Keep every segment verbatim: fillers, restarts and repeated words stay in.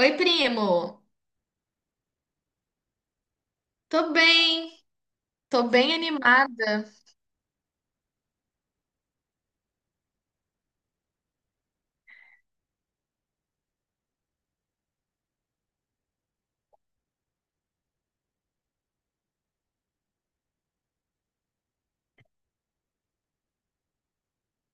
Oi, primo. Tô bem, tô bem animada.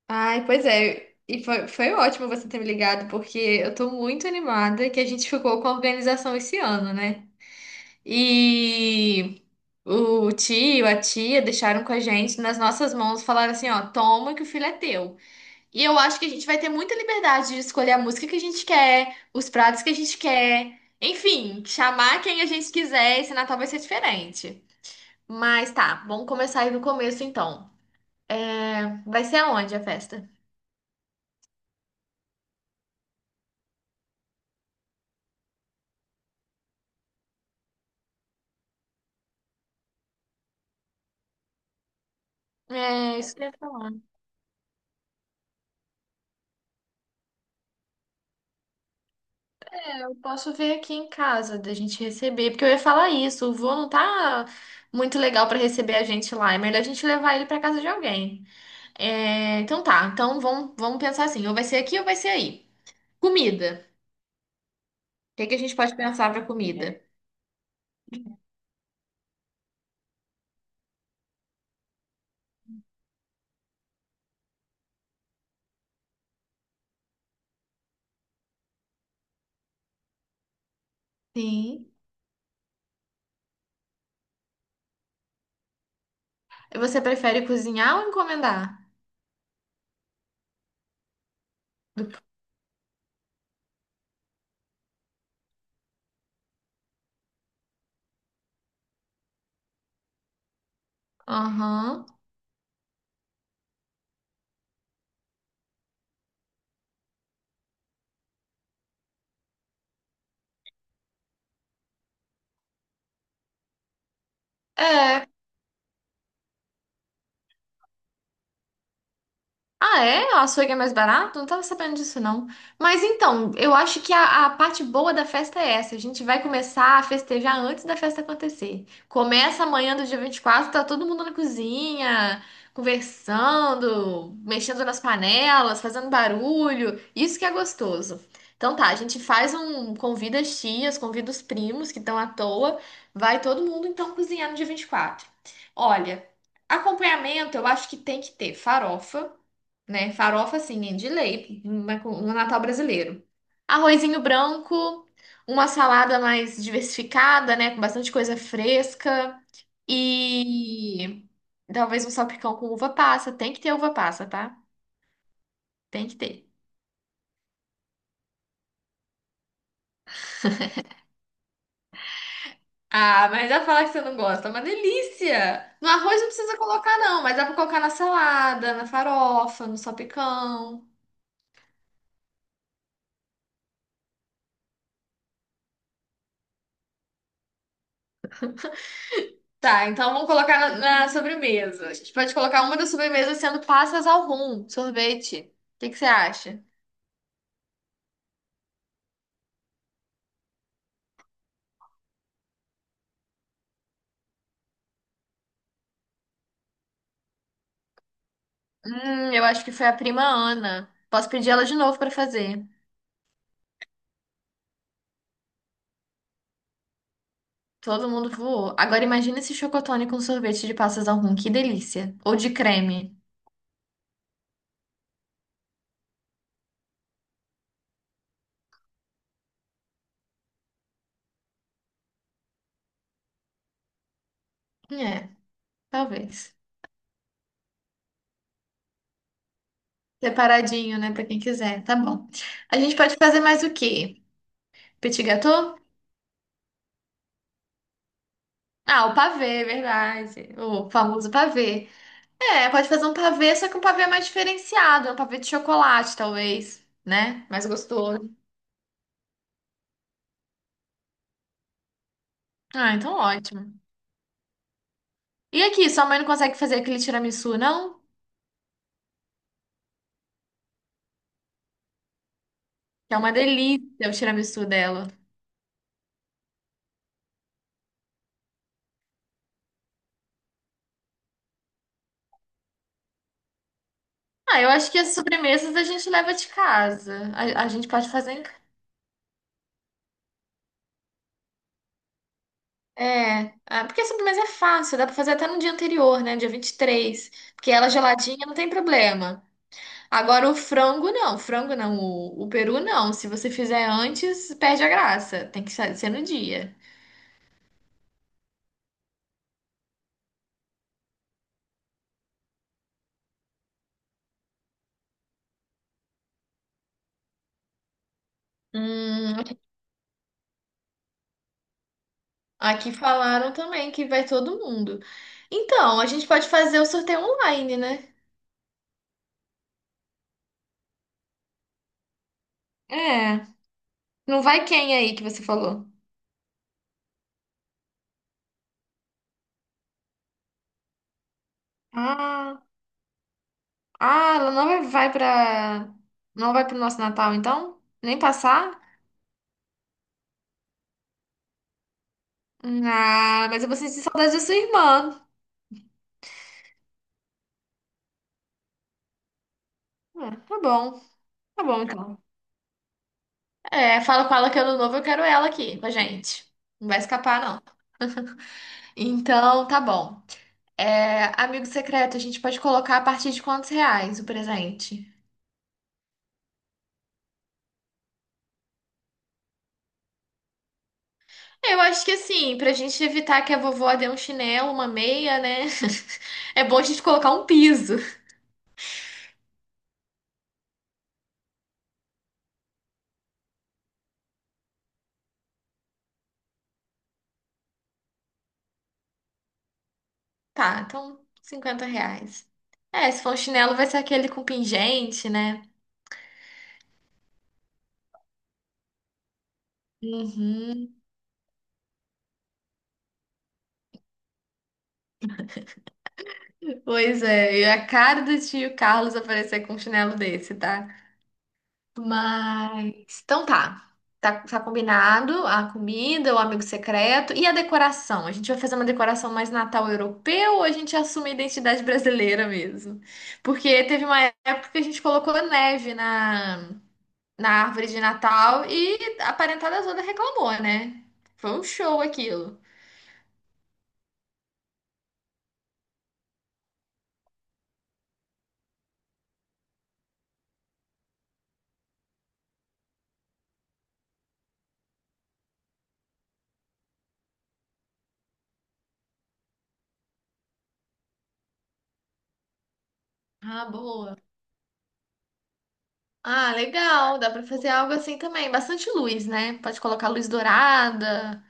Ai, pois é. E foi, foi ótimo você ter me ligado, porque eu tô muito animada que a gente ficou com a organização esse ano, né? E o tio, a tia deixaram com a gente nas nossas mãos, falaram assim, ó, toma que o filho é teu. E eu acho que a gente vai ter muita liberdade de escolher a música que a gente quer, os pratos que a gente quer. Enfim, chamar quem a gente quiser, esse Natal vai ser diferente. Mas tá, vamos começar aí do começo então. É, vai ser aonde a festa? É, isso que eu ia falar. Eu posso ver aqui em casa da gente receber, porque eu ia falar isso. O vô não tá muito legal pra receber a gente lá. É melhor a gente levar ele pra casa de alguém. É, então tá, então vamos, vamos pensar assim: ou vai ser aqui ou vai ser aí. Comida. O que que a gente pode pensar pra comida? Sim. Você prefere cozinhar ou encomendar? Do- Aham. É. Ah, é? O açougue é mais barato? Não tava sabendo disso, não. Mas então, eu acho que a, a parte boa da festa é essa. A gente vai começar a festejar antes da festa acontecer. Começa amanhã do dia vinte e quatro. Tá todo mundo na cozinha, conversando, mexendo nas panelas, fazendo barulho. Isso que é gostoso. Então tá, a gente faz um. Convida as tias, convida os primos que estão à toa. Vai todo mundo então cozinhar no dia vinte e quatro. Olha, acompanhamento eu acho que tem que ter farofa, né? Farofa, assim, de lei, uma co- no Natal brasileiro. Arrozinho branco, uma salada mais diversificada, né? Com bastante coisa fresca. E talvez um salpicão com uva passa. Tem que ter uva passa, tá? Tem que ter. Ah, mas dá pra falar que você não gosta. É uma delícia! No arroz não precisa colocar, não, mas dá pra colocar na salada, na farofa, no salpicão. Tá, então vamos colocar na, na sobremesa. A gente pode colocar uma das sobremesas sendo passas ao rum, sorvete. O que que você acha? Hum, eu acho que foi a prima Ana. Posso pedir ela de novo pra fazer. Todo mundo voou. Agora imagina esse chocotone com sorvete de passas ao rum, que delícia. Ou de creme. Hum, É, talvez. Separadinho, né, pra quem quiser. Tá bom. A gente pode fazer mais o quê? Petit gâteau? Ah, o pavê, é verdade. O famoso pavê. É, pode fazer um pavê, só que um pavê mais diferenciado, um pavê de chocolate, talvez, né? Mais gostoso. Ah, então ótimo. E aqui, sua mãe não consegue fazer aquele tiramisu, não? Que é uma delícia o tiramisu dela. Ah, eu acho que as sobremesas a gente leva de casa. A, a gente pode fazer em casa. É, ah, porque a sobremesa é fácil, dá pra fazer até no dia anterior, né? Dia vinte e três, porque ela é geladinha não tem problema. Agora o frango não, o frango não, o, o peru não. Se você fizer antes, perde a graça. Tem que sa- ser no dia. Hum, aqui falaram também que vai todo mundo. Então, a gente pode fazer o sorteio online, né? É, não vai quem aí que você falou? Ah, ah, ela não vai vai pra. Não vai pro nosso Natal, então? Nem passar? Ah, mas eu vou sentir saudade da sua irmã. Ah, tá bom, tá bom então. É, fala com ela que ano novo eu quero ela aqui com a gente. Não vai escapar, não. Então, tá bom. É, amigo secreto, a gente pode colocar a partir de quantos reais o presente? É, eu acho que assim, pra gente evitar que a vovó dê um chinelo, uma meia, né? É bom a gente colocar um piso. Tá, então cinquenta reais. É, se for um chinelo, vai ser aquele com pingente, né? Uhum. Pois é, e a cara do tio Carlos aparecer com um chinelo desse, tá? Mas, então tá. Tá, tá combinado a comida, o amigo secreto e a decoração. A gente vai fazer uma decoração mais Natal europeu ou a gente assume a identidade brasileira mesmo? Porque teve uma época que a gente colocou neve na, na árvore de Natal e a parentada toda reclamou, né? Foi um show aquilo. Ah, boa. Ah, legal. Dá pra fazer algo assim também. Bastante luz, né? Pode colocar luz dourada.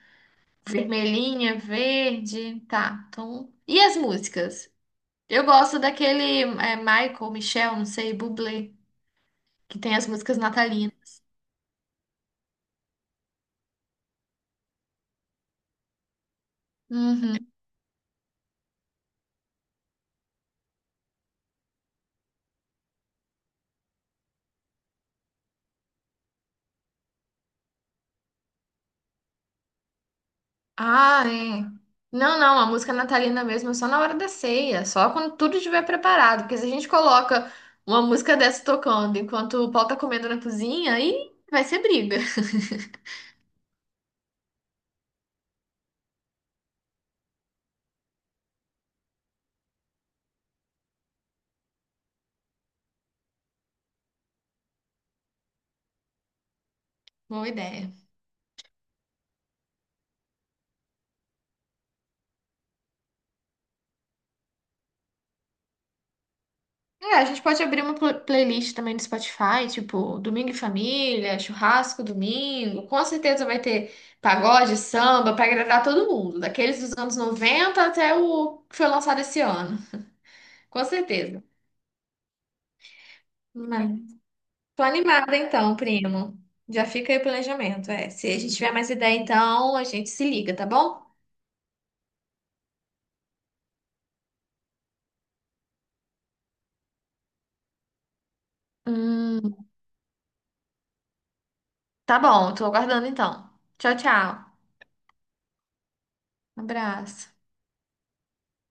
Vermelhinha, verde, tá. Então, e as músicas? Eu gosto daquele é, Michael, Michel, não sei, Bublé, que tem as músicas natalinas. Uhum. Ah, é. Não, não, a música natalina mesmo é só na hora da ceia, só quando tudo estiver preparado, porque se a gente coloca uma música dessa tocando enquanto o pau tá comendo na cozinha, aí vai ser briga. Boa ideia. É, a gente pode abrir uma pl- playlist também no Spotify, tipo Domingo em Família, Churrasco Domingo. Com certeza vai ter pagode, samba, pra agradar todo mundo, daqueles dos anos noventa até o que foi lançado esse ano. Com certeza. Mas tô animada então, primo. Já fica aí o planejamento. É, se a gente tiver mais ideia, então a gente se liga, tá bom? Hum, tá bom, tô aguardando então. Tchau, tchau. Um abraço.